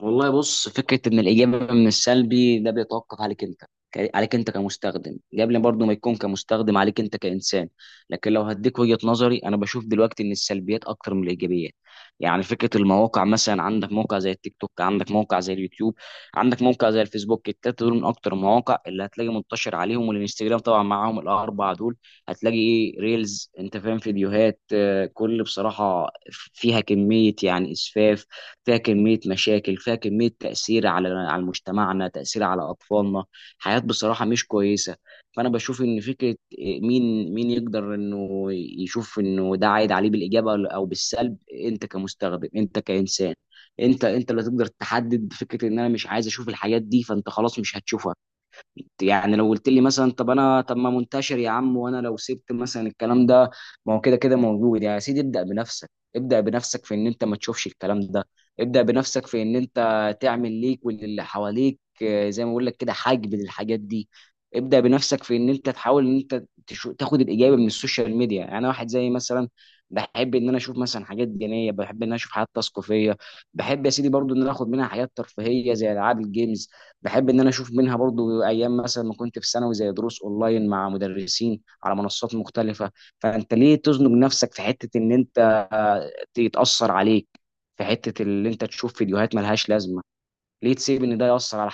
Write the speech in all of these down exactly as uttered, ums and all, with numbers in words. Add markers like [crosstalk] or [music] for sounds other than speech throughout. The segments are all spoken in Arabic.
والله، بص، فكره ان الاجابه من السلبي ده بيتوقف عليك انت، ك- عليك انت كمستخدم قبل برضه ما يكون كمستخدم، عليك انت كانسان. لكن لو هديك وجهه نظري، انا بشوف دلوقتي ان السلبيات اكتر من الايجابيات. يعني فكره المواقع، مثلا عندك موقع زي التيك توك، عندك موقع زي اليوتيوب، عندك موقع زي الفيسبوك. التلاته دول من اكتر المواقع اللي هتلاقي منتشر عليهم، والانستجرام طبعا معاهم، الاربعه دول هتلاقي ايه؟ ريلز، انت فاهم، فيديوهات، آه، كل بصراحه فيها كميه يعني اسفاف، فيها كمية مشاكل، فيها كمية تأثير على على مجتمعنا، تأثير على أطفالنا، حياة بصراحة مش كويسة. فأنا بشوف إن فكرة إيه، مين مين يقدر إنه يشوف إنه ده عايد عليه بالإجابة أو بالسلب. أنت كمستخدم، أنت كإنسان. أنت أنت اللي تقدر تحدد فكرة إن أنا مش عايز أشوف الحاجات دي، فأنت خلاص مش هتشوفها. يعني لو قلت لي مثلا، طب انا طب ما منتشر يا عم، وانا لو سبت مثلا الكلام ده، ما هو كده كده موجود يعني. يا سيدي، ابدأ بنفسك. ابدأ بنفسك في ان انت ما تشوفش الكلام ده. ابدأ بنفسك في ان انت تعمل ليك وللي حواليك، آه، زي ما بقول لك كده، حجب للحاجات دي. ابدأ بنفسك في ان انت تحاول ان انت تشو- تاخد الاجابه من السوشيال ميديا. يعني انا واحد زي مثلا، بحب ان انا اشوف مثلا حاجات دينيه، بحب ان انا اشوف حاجات تثقيفيه، بحب يا سيدي برضو ان انا اخد منها حاجات ترفيهيه، زي العاب الجيمز، بحب ان انا اشوف منها برضو ايام مثلا ما كنت في ثانوي، زي دروس اونلاين مع مدرسين على منصات مختلفه. فانت ليه تزنق نفسك في حته ان انت، آه، يتاثر عليك، في حته اللي انت تشوف فيديوهات ملهاش لازمه، ليه تسيب ان ده ياثر على؟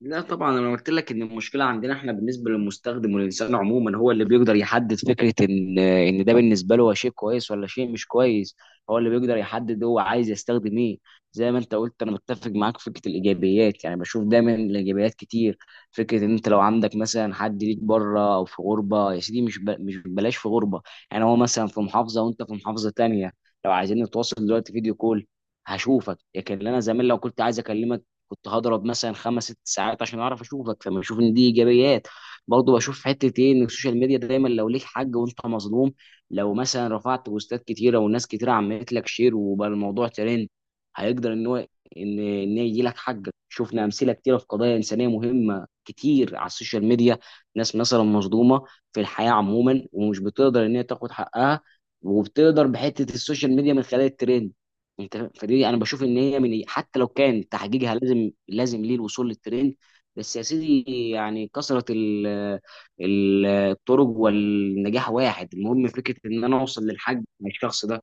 لا طبعا. انا قلت لك ان المشكله عندنا احنا، بالنسبه للمستخدم والانسان عموما، هو اللي بيقدر يحدد فكره ان ان ده بالنسبه له هو شيء كويس ولا شيء مش كويس. هو اللي بيقدر يحدد هو عايز يستخدم ايه. زي ما انت قلت، انا متفق معاك في فكره الايجابيات، يعني بشوف دايما الايجابيات كتير. فكره ان انت لو عندك مثلا حد ليك بره او في غربه يا سيدي، مش ب... مش بلاش في غربه، يعني هو مثلا في محافظه وانت في محافظه تانية، لو عايزين نتواصل دلوقتي، فيديو كول، هشوفك. لكن انا زمان لو كنت عايز اكلمك، كنت هضرب مثلا خمس ست ساعات عشان اعرف اشوفك، فما اشوف ان دي ايجابيات. برضه بشوف حته ايه، ان السوشيال ميديا دايما، لو ليك حق وانت مظلوم، لو مثلا رفعت بوستات كتيره والناس كتيره عملت لك شير وبقى الموضوع ترند، هيقدر ان هو ان ان يجي لك حقك. شفنا امثله كتيره في قضايا انسانيه مهمه كتير على السوشيال ميديا، ناس مثلا مظلومه في الحياه عموما ومش بتقدر ان هي تاخد حقها، وبتقدر بحته السوشيال ميديا من خلال الترند. انت فدي انا بشوف ان هي من إيه، حتى لو كان تحقيقها لازم لازم ليه الوصول للترند. بس يا سيدي يعني كثرة ال- ال- الطرق، والنجاح واحد، المهم فكرة ان انا اوصل للحج مع الشخص ده.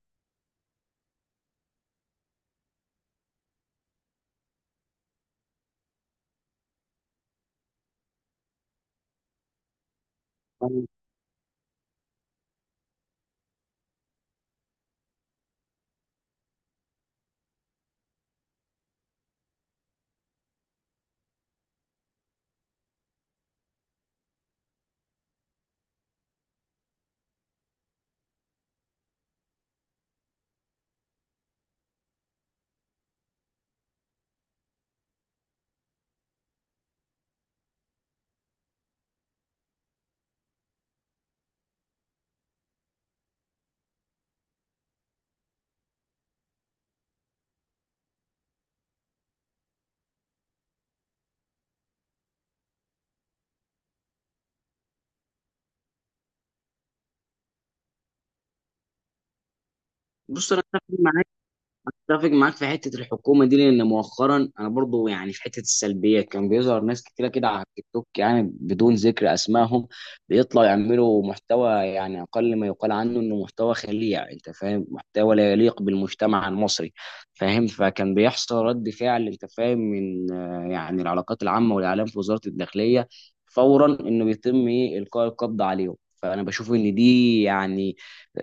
بص، انا اتفق معاك. اتفق معاك في حته الحكومه دي، لان مؤخرا انا برضو يعني في حته السلبيات، كان بيظهر ناس كتيره كده على التيك توك، يعني بدون ذكر اسمائهم، بيطلعوا يعملوا محتوى، يعني اقل ما يقال عنه انه محتوى خليع، انت فاهم، محتوى لا يليق بالمجتمع المصري. فاهم. فكان بيحصل رد فعل، انت فاهم، من آه، يعني العلاقات العامه والاعلام في وزاره الداخليه، فورا انه بيتم ايه القاء القبض عليهم. فانا بشوف ان دي يعني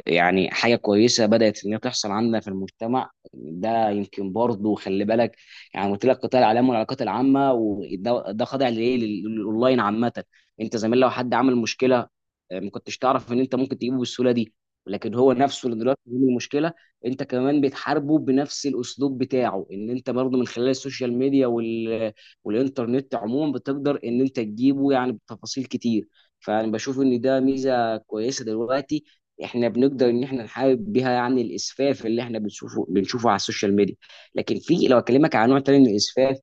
يعني حاجه كويسه بدات ان هي تحصل عندنا في المجتمع. ده يمكن برضه، خلي بالك، يعني قلت لك قطاع الاعلام والعلاقات العامه، وده ده خاضع لايه، لل- للاونلاين عامه. انت زمان لو حد عمل مشكله، آه، ما كنتش تعرف ان انت ممكن تجيبه بالسهوله دي. لكن هو نفسه اللي دلوقتي بيعمل المشكله، انت كمان بتحاربه بنفس الاسلوب بتاعه، ان انت برضه من خلال السوشيال ميديا وال... والانترنت عموما، بتقدر ان انت تجيبه يعني بتفاصيل كتير. فانا بشوف ان ده ميزه كويسه دلوقتي، احنا بنقدر ان احنا نحارب بيها، يعني الاسفاف اللي احنا بنشوفه بنشوفه على السوشيال ميديا. لكن في، لو اكلمك عن نوع تاني من الاسفاف،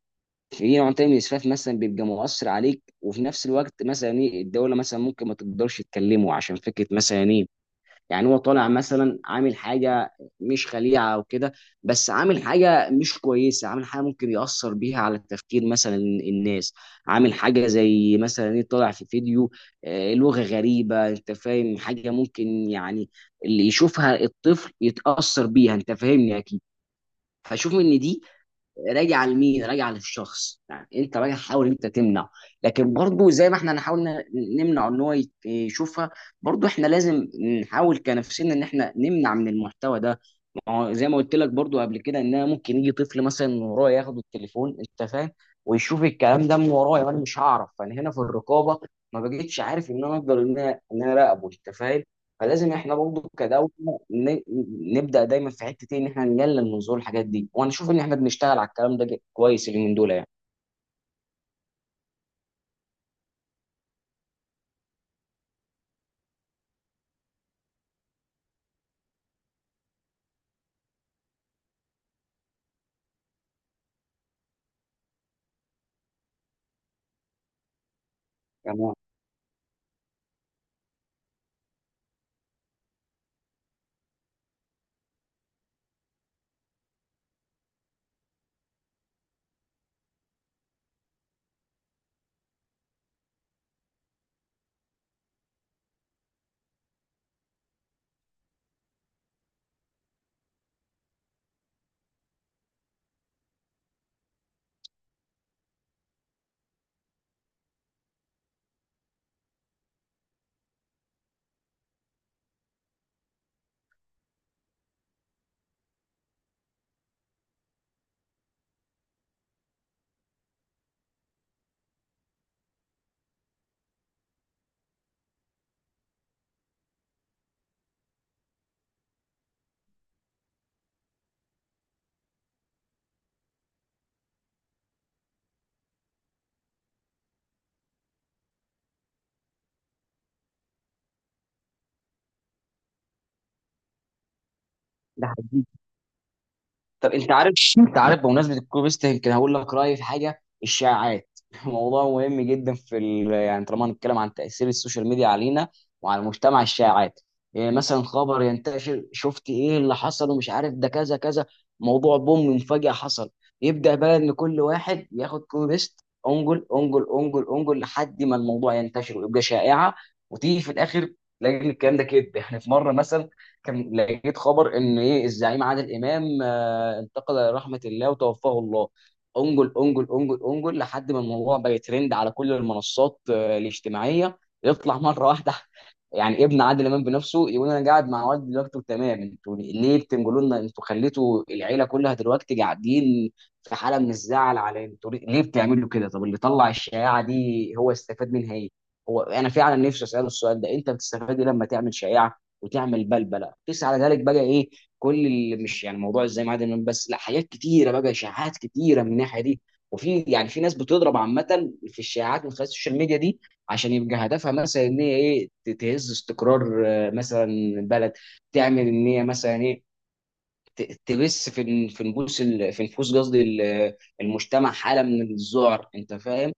في نوع تاني من الاسفاف مثلا بيبقى مؤثر عليك، وفي نفس الوقت مثلا ايه، الدوله مثلا ممكن ما تقدرش تكلمه عشان فكره مثلا ايه، يعني هو طالع مثلا عامل حاجه مش خليعه او كده، بس عامل حاجه مش كويسه، عامل حاجه ممكن ياثر بيها على تفكير مثلا الناس. عامل حاجه زي مثلا ايه، طالع في فيديو، آه، لغه غريبه، انت فاهم، حاجه ممكن يعني اللي يشوفها الطفل يتاثر بيها. انت فاهمني اكيد. فشوف ان دي، راجع لمين؟ راجع للشخص. يعني انت راجع حاول انت تمنع، لكن برضو زي ما احنا نحاول ن- نمنع ان هو يت- يشوفها، برضو احنا لازم نحاول كنفسنا ان احنا نمنع من المحتوى ده. ما هو زي ما قلت لك برضو قبل كده، ان انا ممكن يجي طفل مثلا من ورايا ياخد التليفون، انت فاهم، ويشوف الكلام ده من ورايا وانا مش هعرف. فانا هنا في الرقابه ما بقتش عارف ان انا اقدر ان انا ان انا اراقبه، انت فاهم. فلازم احنا برضه كدولة ن- نبدأ دايما في حتة ايه، ان احنا نقلل من ظهور الحاجات دي، وانا اشوف ان احنا بنشتغل على الكلام ده كويس اليومين دول يعني. يعني ده، طب انت عارف، انت عارف بمناسبه الكوبيست يمكن هقول لك رايي في حاجه، الشائعات. [laughs] موضوع مهم جدا في ال... يعني طالما هنتكلم عن تاثير السوشيال ميديا علينا وعلى المجتمع، الشائعات. يعني مثلا خبر ينتشر، شفت ايه اللي حصل ومش عارف ده، كذا كذا، موضوع بوم، مفاجاه حصل. يبدا بقى ان كل واحد ياخد كوبيست، انجل انجل انجل انجل، لحد ما الموضوع ينتشر ويبقى شائعه. وتيجي في الاخر تلاقي إن الكلام ده كده. [laughs] احنا في مره مثلا كان لقيت خبر ان ايه، الزعيم عادل امام انتقل الى رحمه الله وتوفاه الله. انجل انجل انجل انجل، لحد ما الموضوع بقى ترند على كل المنصات آه، الاجتماعيه. يطلع مره واحده، [laughs] يعني ابن عادل امام بنفسه، يقول انا قاعد مع والدي دلوقتي وتمام، انتوا ليه بتنجلوا لنا؟ انتوا خليتوا العيله كلها دلوقتي قاعدين في حاله من الزعل. على انتوا ليه ليه بتعملوا كده؟ طب اللي طلع الشائعه دي هو استفاد منها ايه؟ هو انا فعلا نفسي اساله السؤال ده، انت بتستفاد ايه لما تعمل شائعه وتعمل بلبله؟ قيس على ذلك بقى ايه، كل اللي مش يعني موضوع ازاي معدن النوم بس، لا حاجات كتيره بقى، اشاعات كتيره من الناحيه دي. وفي يعني في ناس بتضرب عامه في الشائعات من خلال السوشيال ميديا دي، عشان يبقى هدفها مثلا ان هي ايه، ت- تهز استقرار آه، مثلا بلد، تعمل ان هي مثلا ايه، ت- تبث في ن- في نفوس ال- في نفوس قصدي ال- المجتمع حاله من الذعر، انت فاهم.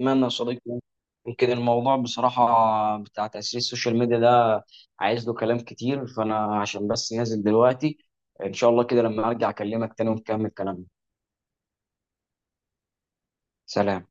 أتمنى يا صديقي يعني. يمكن الموضوع بصراحة بتاع تأثير السوشيال ميديا ده عايز له كلام كتير، فأنا عشان بس نازل دلوقتي، إن شاء الله كده لما أرجع أكلمك تاني ونكمل كلامنا. سلام.